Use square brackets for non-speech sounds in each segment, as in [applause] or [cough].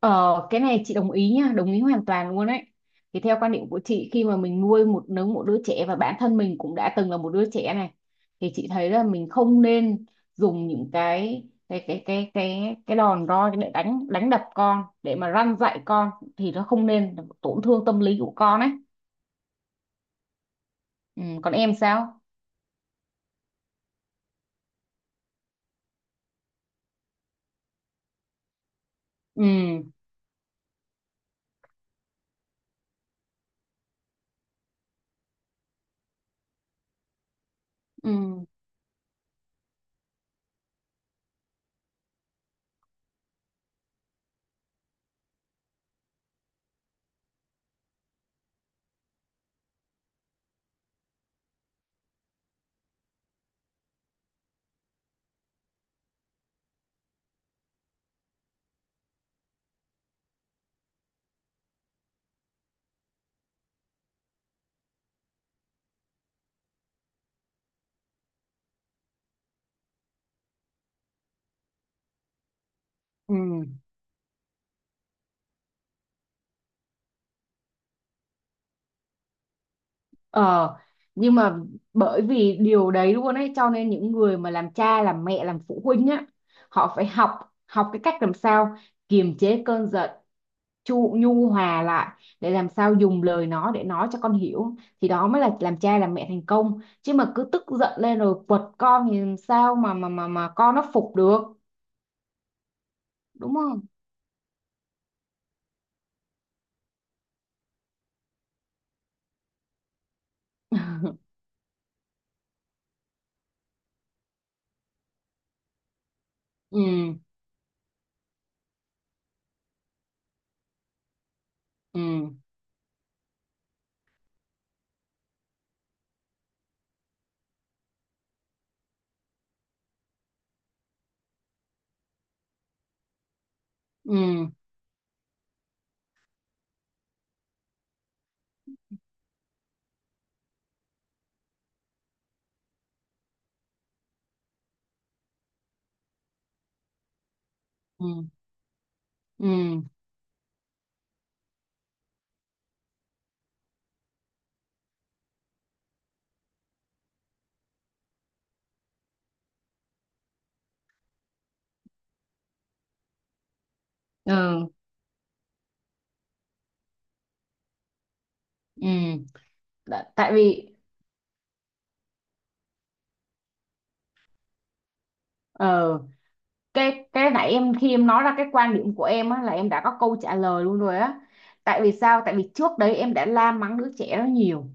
Ờ, cái này chị đồng ý nha, đồng ý hoàn toàn luôn ấy. Thì theo quan điểm của chị, khi mà mình nuôi một nấng một đứa trẻ và bản thân mình cũng đã từng là một đứa trẻ này, thì chị thấy là mình không nên dùng những cái đòn roi để đánh đánh đập con để mà răn dạy con, thì nó không nên tổn thương tâm lý của con ấy. Ừ, còn em sao? Ừ, ừ, ừ. Ờ, nhưng mà bởi vì điều đấy luôn ấy, cho nên những người mà làm cha làm mẹ làm phụ huynh á, họ phải học học cái cách làm sao kiềm chế cơn giận, chu nhu hòa lại để làm sao dùng lời nó để nói cho con hiểu, thì đó mới là làm cha làm mẹ thành công. Chứ mà cứ tức giận lên rồi quật con thì làm sao mà con nó phục được, đúng không? [laughs] Ừ, ừ, ừ, ừ, ừ, ừ, ừ. Tại vì ờ cái nãy em khi em nói ra cái quan điểm của em á, là em đã có câu trả lời luôn rồi á. Tại vì sao? Tại vì trước đấy em đã la mắng đứa trẻ đó nhiều.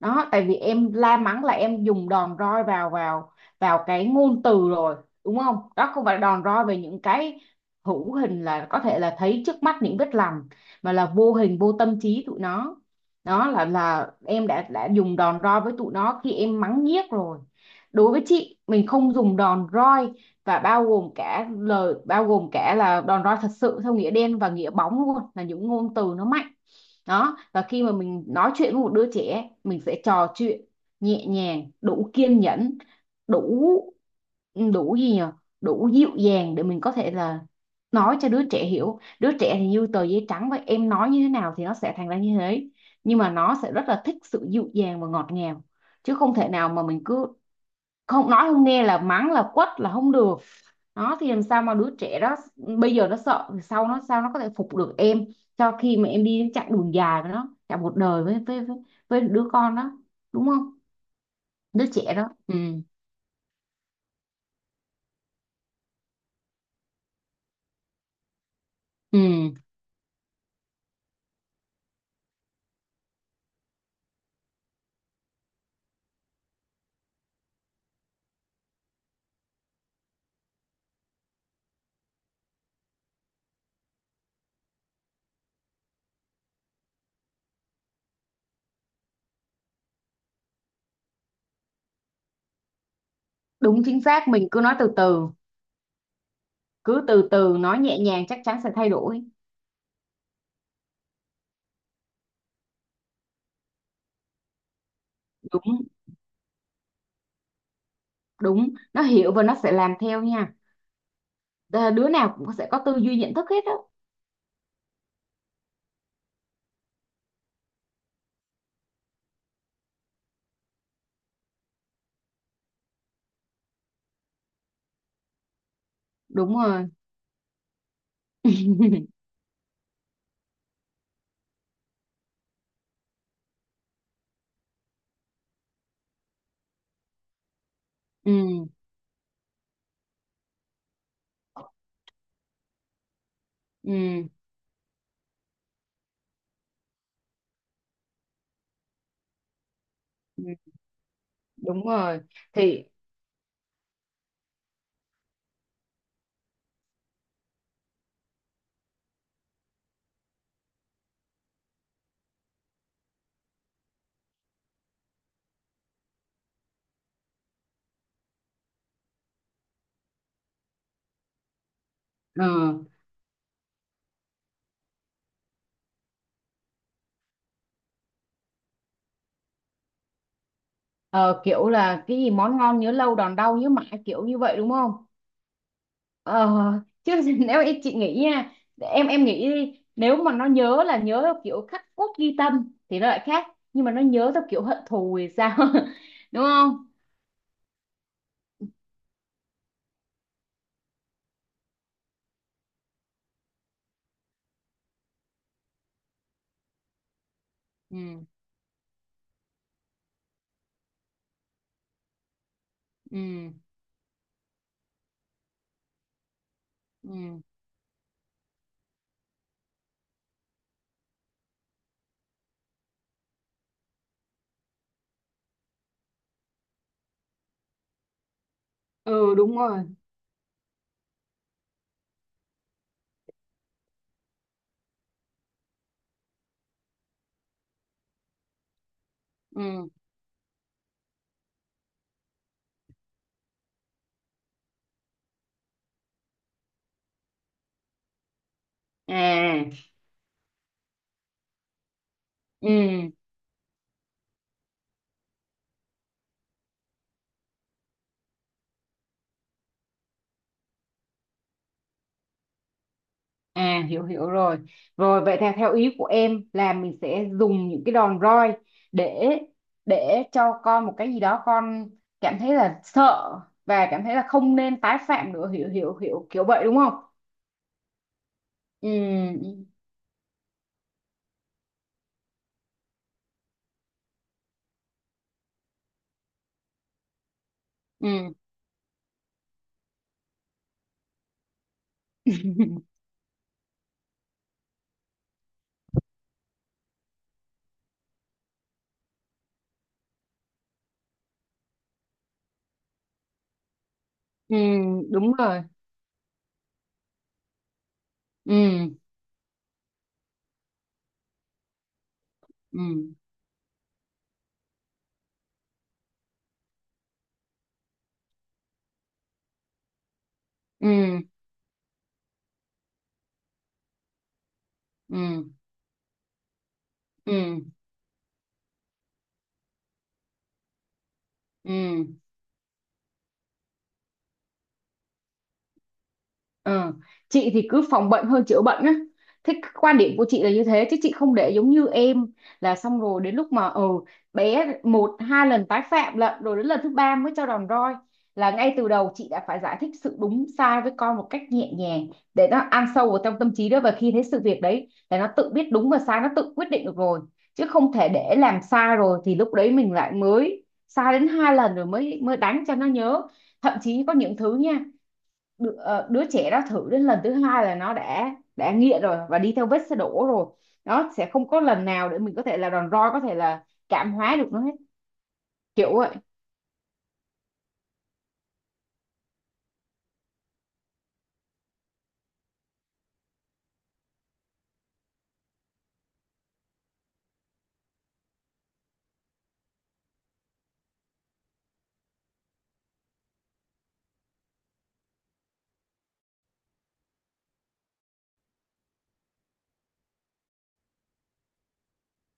Đó, tại vì em la mắng là em dùng đòn roi vào vào vào cái ngôn từ rồi, đúng không? Đó không phải đòn roi về những cái hữu hình, là có thể là thấy trước mắt những vết lằn, mà là vô hình vô tâm trí tụi nó. Đó là em đã dùng đòn roi với tụi nó khi em mắng nhiếc rồi. Đối với chị, mình không dùng đòn roi, và bao gồm cả lời, bao gồm cả là đòn roi thật sự theo nghĩa đen và nghĩa bóng luôn, là những ngôn từ nó mạnh. Đó, và khi mà mình nói chuyện với một đứa trẻ, mình sẽ trò chuyện nhẹ nhàng, đủ kiên nhẫn, đủ đủ gì nhỉ, đủ dịu dàng để mình có thể là nói cho đứa trẻ hiểu. Đứa trẻ thì như tờ giấy trắng vậy, em nói như thế nào thì nó sẽ thành ra như thế, nhưng mà nó sẽ rất là thích sự dịu dàng và ngọt ngào, chứ không thể nào mà mình cứ không nói không nghe là mắng, là quất, là không được. Đó, thì làm sao mà đứa trẻ đó bây giờ nó sợ thì sau nó sao nó có thể phục được em, cho khi mà em đi chặng đường dài với nó cả một đời với, đứa con đó, đúng không? Đứa trẻ đó. Ừ, ừ, đúng chính xác. Mình cứ nói từ từ, cứ từ từ nói nhẹ nhàng, chắc chắn sẽ thay đổi. Đúng. Đúng, nó hiểu và nó sẽ làm theo nha. Đứa nào cũng sẽ có tư duy nhận thức hết á. Đúng rồi. [laughs] Ừ, ừ, ừ. Đúng rồi, thì ừ. Ờ, Kiểu là cái gì, món ngon nhớ lâu, đòn đau nhớ mãi, kiểu như vậy đúng không? Ờ, Chứ [laughs] nếu em chị nghĩ nha, em nghĩ đi, nếu mà nó nhớ là nhớ theo kiểu khắc cốt ghi tâm thì nó lại khác, nhưng mà nó nhớ theo kiểu hận thù thì sao? [laughs] Đúng không? Ừ, ừ, ừ, ừ, đúng rồi, ừ. À, ừ. À, hiểu hiểu rồi. Rồi, vậy theo theo ý của em là mình sẽ dùng những cái đòn roi để để cho con một cái gì đó, con cảm thấy là sợ và cảm thấy là không nên tái phạm nữa, hiểu hiểu hiểu kiểu vậy đúng không? Ừ, ừ, ừ. [laughs] Ừ, đúng rồi. Ừ, ừ, ừ, ừ, ừ, ừ. Ờ, Chị thì cứ phòng bệnh hơn chữa bệnh á. Thế cái quan điểm của chị là như thế, chứ chị không để giống như em là xong rồi đến lúc mà bé một hai lần tái phạm lận rồi đến lần thứ ba mới cho đòn roi. Là ngay từ đầu chị đã phải giải thích sự đúng sai với con một cách nhẹ nhàng để nó ăn sâu vào trong tâm trí. Đó, và khi thấy sự việc đấy là nó tự biết đúng và sai, nó tự quyết định được rồi, chứ không thể để làm sai rồi thì lúc đấy mình lại mới sai đến hai lần rồi mới mới đánh cho nó nhớ. Thậm chí có những thứ nha, đứa trẻ đó thử đến lần thứ hai là nó đã nghiện rồi và đi theo vết xe đổ rồi, nó sẽ không có lần nào để mình có thể là đòn roi, có thể là cảm hóa được nó hết, kiểu vậy.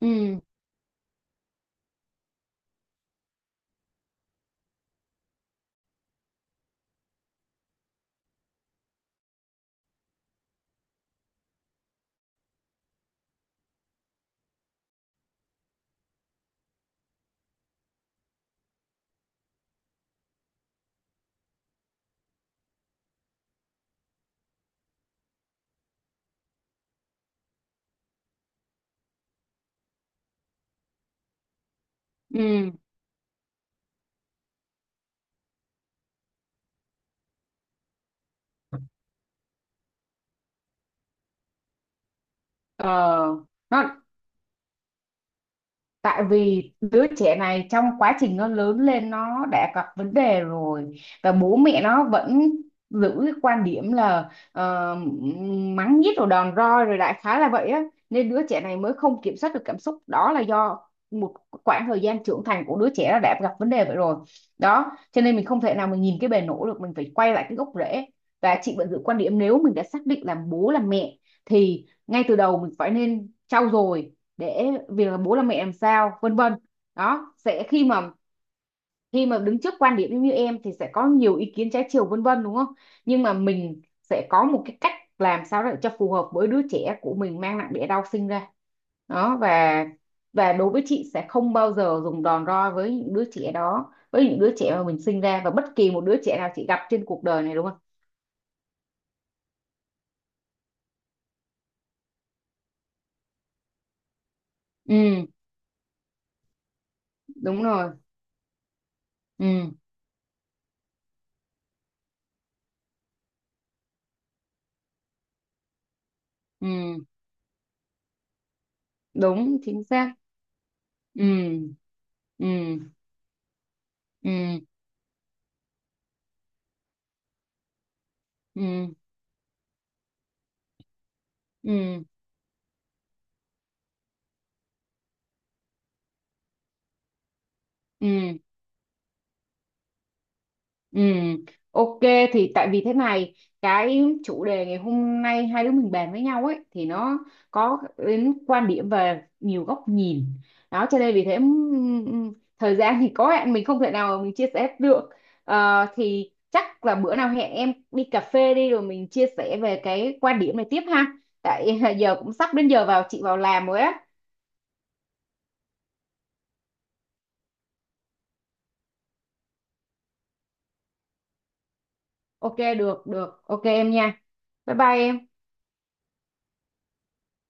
Ừ, ừ, ờ. nó Tại vì đứa trẻ này trong quá trình nó lớn lên nó đã gặp vấn đề rồi, và bố mẹ nó vẫn giữ cái quan điểm là mắng nhiếc rồi đòn roi rồi, đại khái là vậy á. Nên đứa trẻ này mới không kiểm soát được cảm xúc. Đó là do một khoảng thời gian trưởng thành của đứa trẻ nó đã gặp vấn đề vậy rồi. Đó, cho nên mình không thể nào mình nhìn cái bề nổi được, mình phải quay lại cái gốc rễ. Và chị vẫn giữ quan điểm, nếu mình đã xác định làm bố làm mẹ thì ngay từ đầu mình phải nên trau dồi để việc là bố là mẹ làm sao vân vân. Đó sẽ khi mà đứng trước quan điểm như em thì sẽ có nhiều ý kiến trái chiều vân vân đúng không, nhưng mà mình sẽ có một cái cách làm sao để cho phù hợp với đứa trẻ của mình mang nặng đẻ đau sinh ra. Đó, và đối với chị sẽ không bao giờ dùng đòn roi với những đứa trẻ đó, với những đứa trẻ mà mình sinh ra và bất kỳ một đứa trẻ nào chị gặp trên cuộc đời này, đúng không? Ừ, đúng rồi, ừ, ừ, đúng chính xác, ừ, ừ, ừ, ừ, ừ, ừ, ừ, ok. Thì tại vì thế này, cái chủ đề ngày hôm nay hai đứa mình bàn với nhau ấy thì nó có đến quan điểm về nhiều góc nhìn. Đó cho nên vì thế, thời gian thì có hạn, mình không thể nào mình chia sẻ được. Thì chắc là bữa nào hẹn em đi cà phê đi rồi mình chia sẻ về cái quan điểm này tiếp ha, tại [laughs] giờ cũng sắp đến giờ vào chị vào làm rồi á. Ok, được, được, ok em nha. Bye bye em.